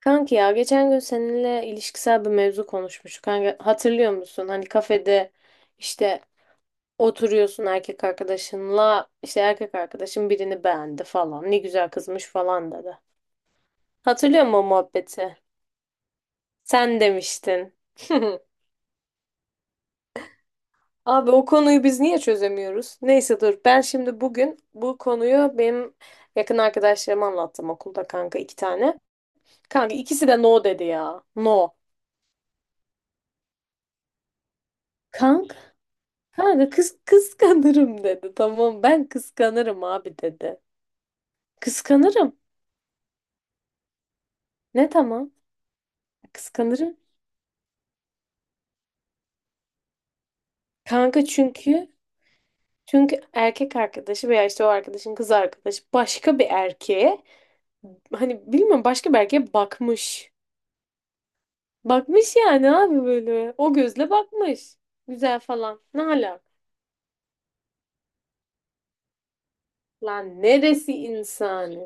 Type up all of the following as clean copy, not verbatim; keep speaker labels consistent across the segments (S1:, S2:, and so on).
S1: Kanki ya geçen gün seninle ilişkisel bir mevzu konuşmuştuk. Kanka, hatırlıyor musun? Hani kafede işte oturuyorsun erkek arkadaşınla işte erkek arkadaşın birini beğendi falan. Ne güzel kızmış falan dedi. Hatırlıyor musun o muhabbeti? Sen demiştin. Abi o konuyu biz niye çözemiyoruz? Neyse dur ben şimdi bugün bu konuyu benim yakın arkadaşlarıma anlattım okulda kanka iki tane. Kanka ikisi de no dedi ya. No. Kanka kız kıskanırım dedi. Tamam ben kıskanırım abi dedi. Kıskanırım. Ne tamam? Kıskanırım. Kanka çünkü erkek arkadaşı veya işte o arkadaşın kız arkadaşı başka bir erkeğe hani bilmiyorum başka bir erkeğe bakmış. Bakmış yani abi böyle. O gözle bakmış. Güzel falan. Ne alaka? Lan neresi insani?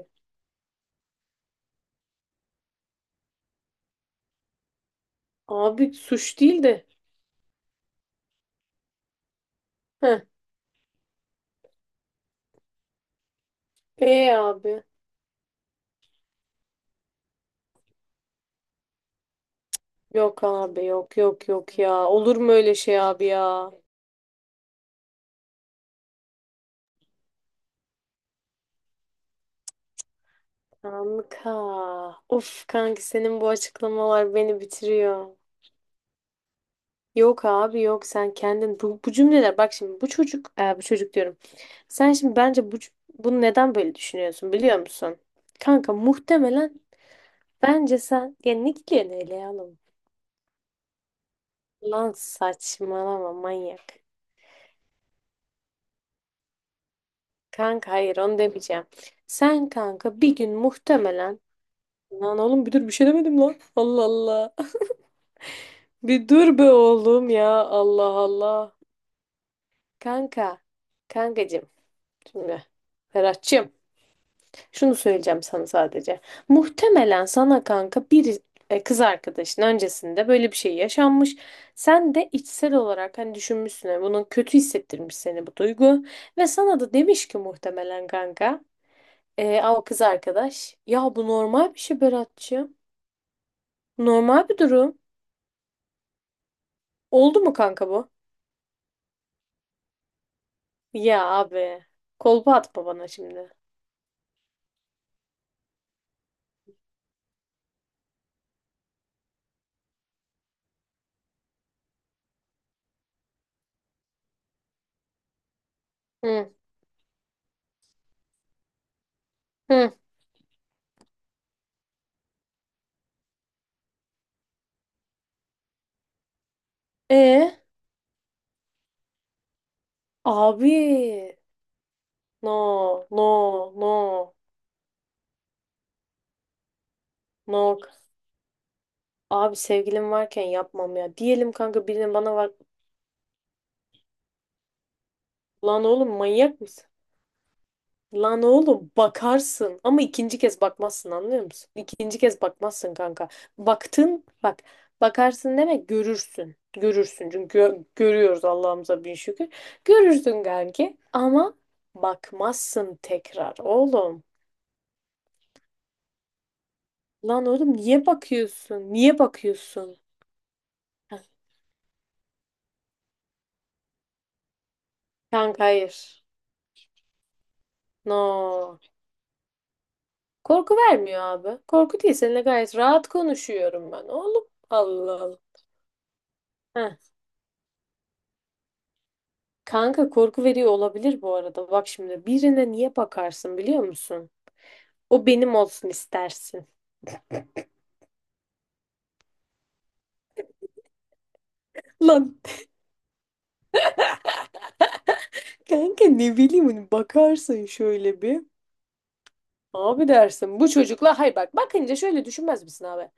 S1: Abi suç değil de. Heh. E abi. Yok abi, yok, yok, yok ya. Olur mu öyle şey abi ya? Kanka. Of kanka senin bu açıklamalar beni bitiriyor. Yok abi yok, sen kendin bu cümleler, bak şimdi bu çocuk, bu çocuk diyorum. Sen şimdi bence bunu neden böyle düşünüyorsun biliyor musun? Kanka muhtemelen bence sen ya ne gidiyorsun hele ya oğlum? Lan saçmalama manyak. Kanka hayır onu demeyeceğim. Sen kanka bir gün muhtemelen. Lan oğlum bir dur, bir şey demedim lan. Allah Allah. Bir dur be oğlum ya. Allah Allah. Kanka, kankacığım, şimdi Ferhat'cığım, şunu söyleyeceğim sana sadece. Muhtemelen sana kanka bir, kız arkadaşın öncesinde böyle bir şey yaşanmış. Sen de içsel olarak hani düşünmüşsün, hani bunun kötü hissettirmiş seni bu duygu. Ve sana da demiş ki muhtemelen kanka, "Aa, o kız arkadaş ya bu normal bir şey Berat'cığım. Normal bir durum. Oldu mu kanka bu? Ya abi kolpa atma bana şimdi. Hı. Hı. E? Abi no, no, no, no. Abi sevgilim varken yapmam ya. Diyelim kanka birinin bana var. Lan oğlum manyak mısın? Lan oğlum bakarsın ama ikinci kez bakmazsın anlıyor musun? İkinci kez bakmazsın kanka. Baktın, bak, bakarsın demek görürsün. Görürsün çünkü görüyoruz Allah'ımıza bin şükür. Görürsün kanki ama bakmazsın tekrar oğlum. Lan oğlum niye bakıyorsun? Niye bakıyorsun? Heh. Kanka hayır. No. Korku vermiyor abi. Korku değil. Seninle gayet rahat konuşuyorum ben. Oğlum Allah Allah. Heh. Kanka korku veriyor olabilir bu arada. Bak şimdi birine niye bakarsın biliyor musun? O benim olsun istersin. Lan kanka ne bileyim hani bakarsın şöyle bir. Abi dersin bu çocukla, hayır bak, bakınca şöyle düşünmez misin abi?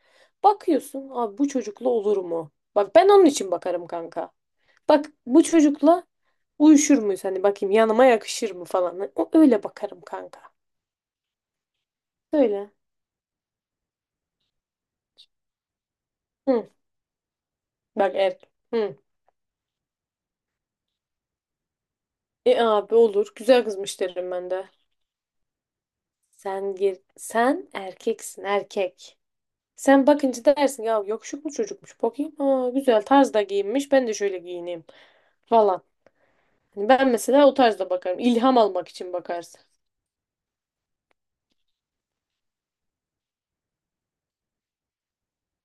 S1: Bakıyorsun abi bu çocukla olur mu? Bak ben onun için bakarım kanka. Bak bu çocukla uyuşur muyuz? Hani bakayım yanıma yakışır mı falan. Hani o, öyle bakarım kanka. Söyle. Hı. Bak erkek. Hı. E abi olur. Güzel kızmış derim ben de. Sen gir. Sen erkeksin erkek. Sen bakınca dersin ya yakışıklı mu çocukmuş. Bakayım. Aa, güzel tarzda giyinmiş. Ben de şöyle giyineyim falan. Hani ben mesela o tarzda bakarım. İlham almak için bakarsın.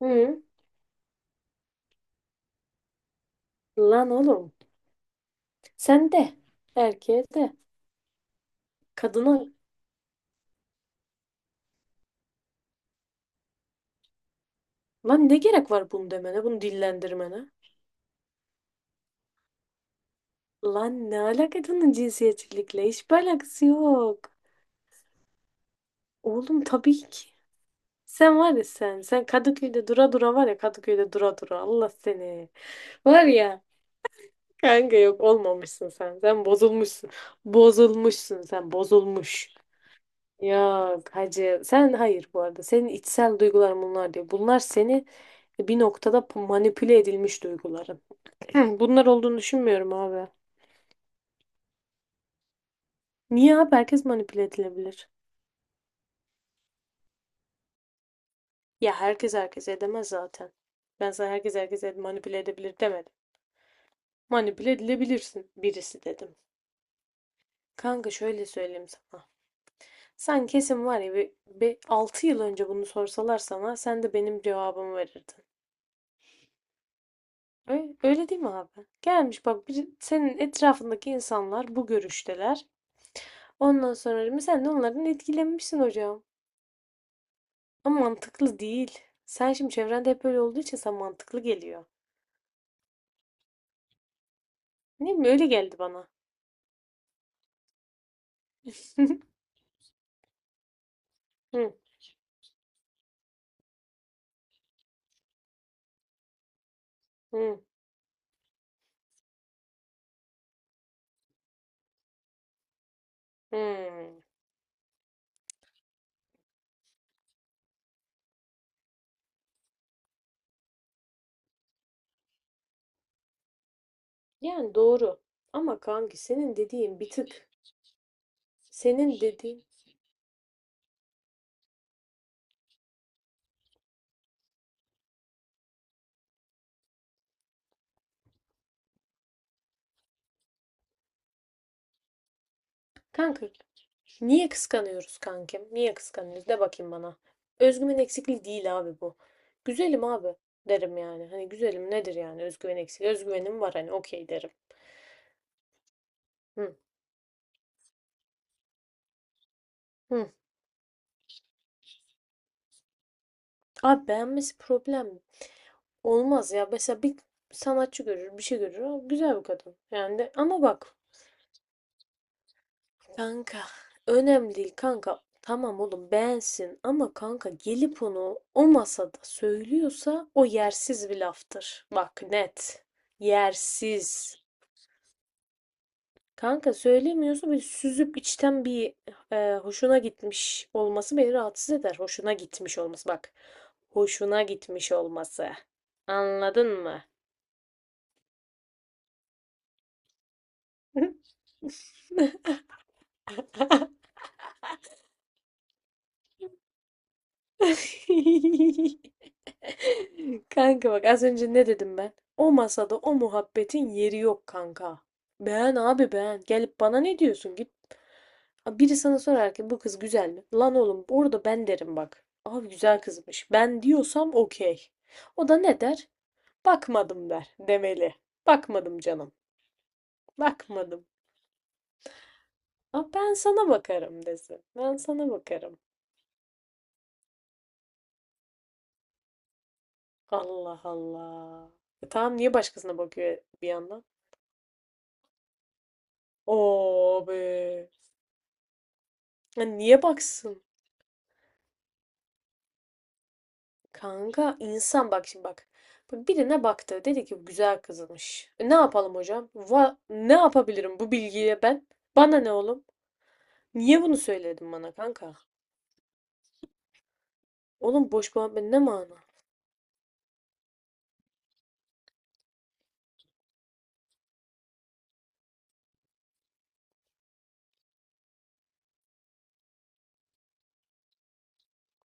S1: Hı. Lan oğlum. Sen de. Erkeğe de. Kadına. Lan ne gerek var bunu demene, bunu dillendirmene? Lan ne alaka bunun cinsiyetçilikle? Hiçbir alakası yok. Oğlum tabii ki. Sen var ya sen. Sen Kadıköy'de dura dura, var ya Kadıköy'de dura dura, Allah seni. Var ya. Kanka yok, olmamışsın sen. Sen bozulmuşsun. Bozulmuşsun sen. Bozulmuş. Yok hacı. Sen hayır bu arada. Senin içsel duyguların bunlar diyor. Bunlar seni bir noktada manipüle edilmiş duyguların. Bunlar olduğunu düşünmüyorum abi. Niye abi? Herkes manipüle edilebilir. Ya herkes herkes edemez zaten. Ben sana herkes herkes manipüle edebilir demedim. Manipüle edilebilirsin birisi dedim. Kanka şöyle söyleyeyim sana. Sen kesin var ya bir 6 yıl önce bunu sorsalar sana sen de benim cevabımı verirdin. Öyle, öyle değil mi abi? Gelmiş bak bir, senin etrafındaki insanlar bu görüşteler. Ondan sonra mı sen de onlardan etkilenmişsin hocam. Ama mantıklı değil. Sen şimdi çevrende hep öyle olduğu için sana mantıklı geliyor. Ne mi öyle geldi bana. Hı, hı, hı. Yani doğru. Ama kanki senin dediğin bir tık. Senin dediğin. Kanka niye kıskanıyoruz kankim? Niye kıskanıyoruz? De bakayım bana. Özgüven eksikliği değil abi bu. Güzelim abi derim yani. Hani güzelim nedir yani özgüven eksikliği? Özgüvenim var hani okey derim. Hı. Hı. Abi beğenmesi problem olmaz ya. Mesela bir sanatçı görür, bir şey görür. "Aa, güzel bir kadın. Yani de, ama bak kanka önemli değil kanka. Tamam oğlum beğensin ama kanka gelip onu o masada söylüyorsa o yersiz bir laftır. Bak net. Yersiz. Kanka söylemiyorsa böyle süzüp içten bir, hoşuna gitmiş olması beni rahatsız eder. Hoşuna gitmiş olması bak. Hoşuna gitmiş olması. Anladın mı? Kanka bak az önce ne dedim ben? O masada o muhabbetin yeri yok kanka. Beğen abi beğen. Gelip bana ne diyorsun? Git. Ha, biri sana sorar ki bu kız güzel mi? Lan oğlum orada ben derim bak. Abi güzel kızmış. Ben diyorsam okey. O da ne der? Bakmadım der, demeli. Bakmadım canım, bakmadım. Ama ben sana bakarım desin. Ben sana bakarım. Allah Allah. E tamam niye başkasına bakıyor bir yandan? Oo be. Ya niye baksın? Kanka insan bak şimdi bak. Bak birine baktı. Dedi ki güzel kızmış. E ne yapalım hocam? Va ne yapabilirim bu bilgiye ben? Bana ne oğlum? Niye bunu söyledin bana kanka? Oğlum boş muhabbet ne mana?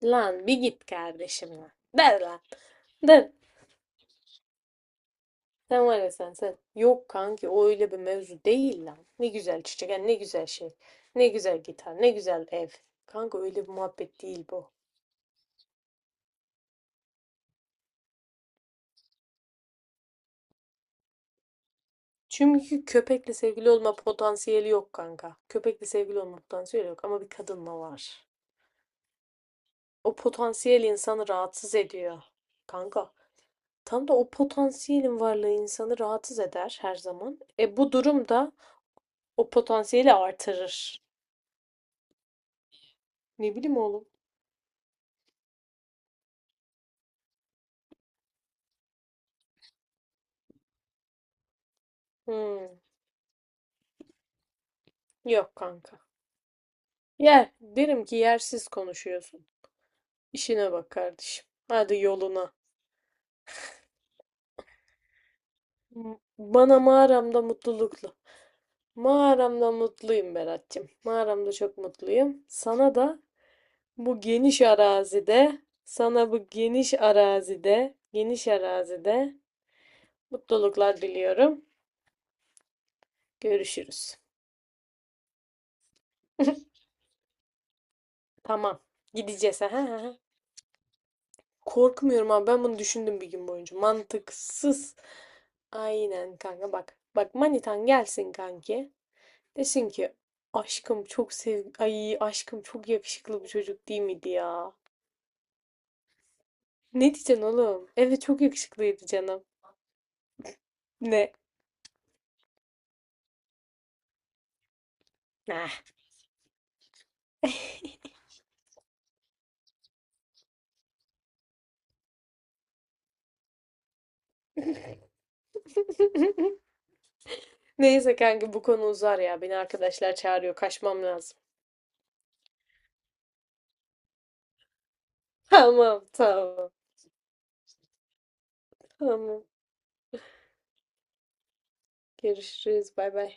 S1: Lan bir git kardeşim lan. Der lan. Der. Sen var ya sen. Yok kanki o öyle bir mevzu değil lan. Ne güzel çiçek yani ne güzel şey. Ne güzel gitar, ne güzel ev. Kanka öyle bir muhabbet değil bu. Çünkü köpekle sevgili olma potansiyeli yok kanka. Köpekle sevgili olma potansiyeli yok ama bir kadınla var. O potansiyel insanı rahatsız ediyor. Kanka tam da o potansiyelin varlığı insanı rahatsız eder her zaman. E bu durum da o potansiyeli artırır. Ne bileyim oğlum. Hmm, yok kanka. Yer, derim ki yersiz konuşuyorsun. İşine bak kardeşim. Hadi yoluna. Bana mağaramda mutlulukla. Mağaramda mutluyum Berat'cığım. Mağaramda çok mutluyum. Sana da bu geniş arazide, geniş arazide mutluluklar diliyorum. Görüşürüz. Tamam. Gideceğiz. Ha, ha, ha. Korkmuyorum abi. Ben bunu düşündüm bir gün boyunca. Mantıksız. Aynen kanka bak. Bak manitan gelsin kanki. Desin ki aşkım çok sev, ay aşkım çok yakışıklı bir çocuk değil miydi ya? Ne diyeceksin oğlum? Evet çok yakışıklıydı canım. Ne? Ne? Neyse kanka bu konu uzar ya. Beni arkadaşlar çağırıyor. Kaçmam lazım. Tamam tamam. Tamam. Görüşürüz. Bay bay.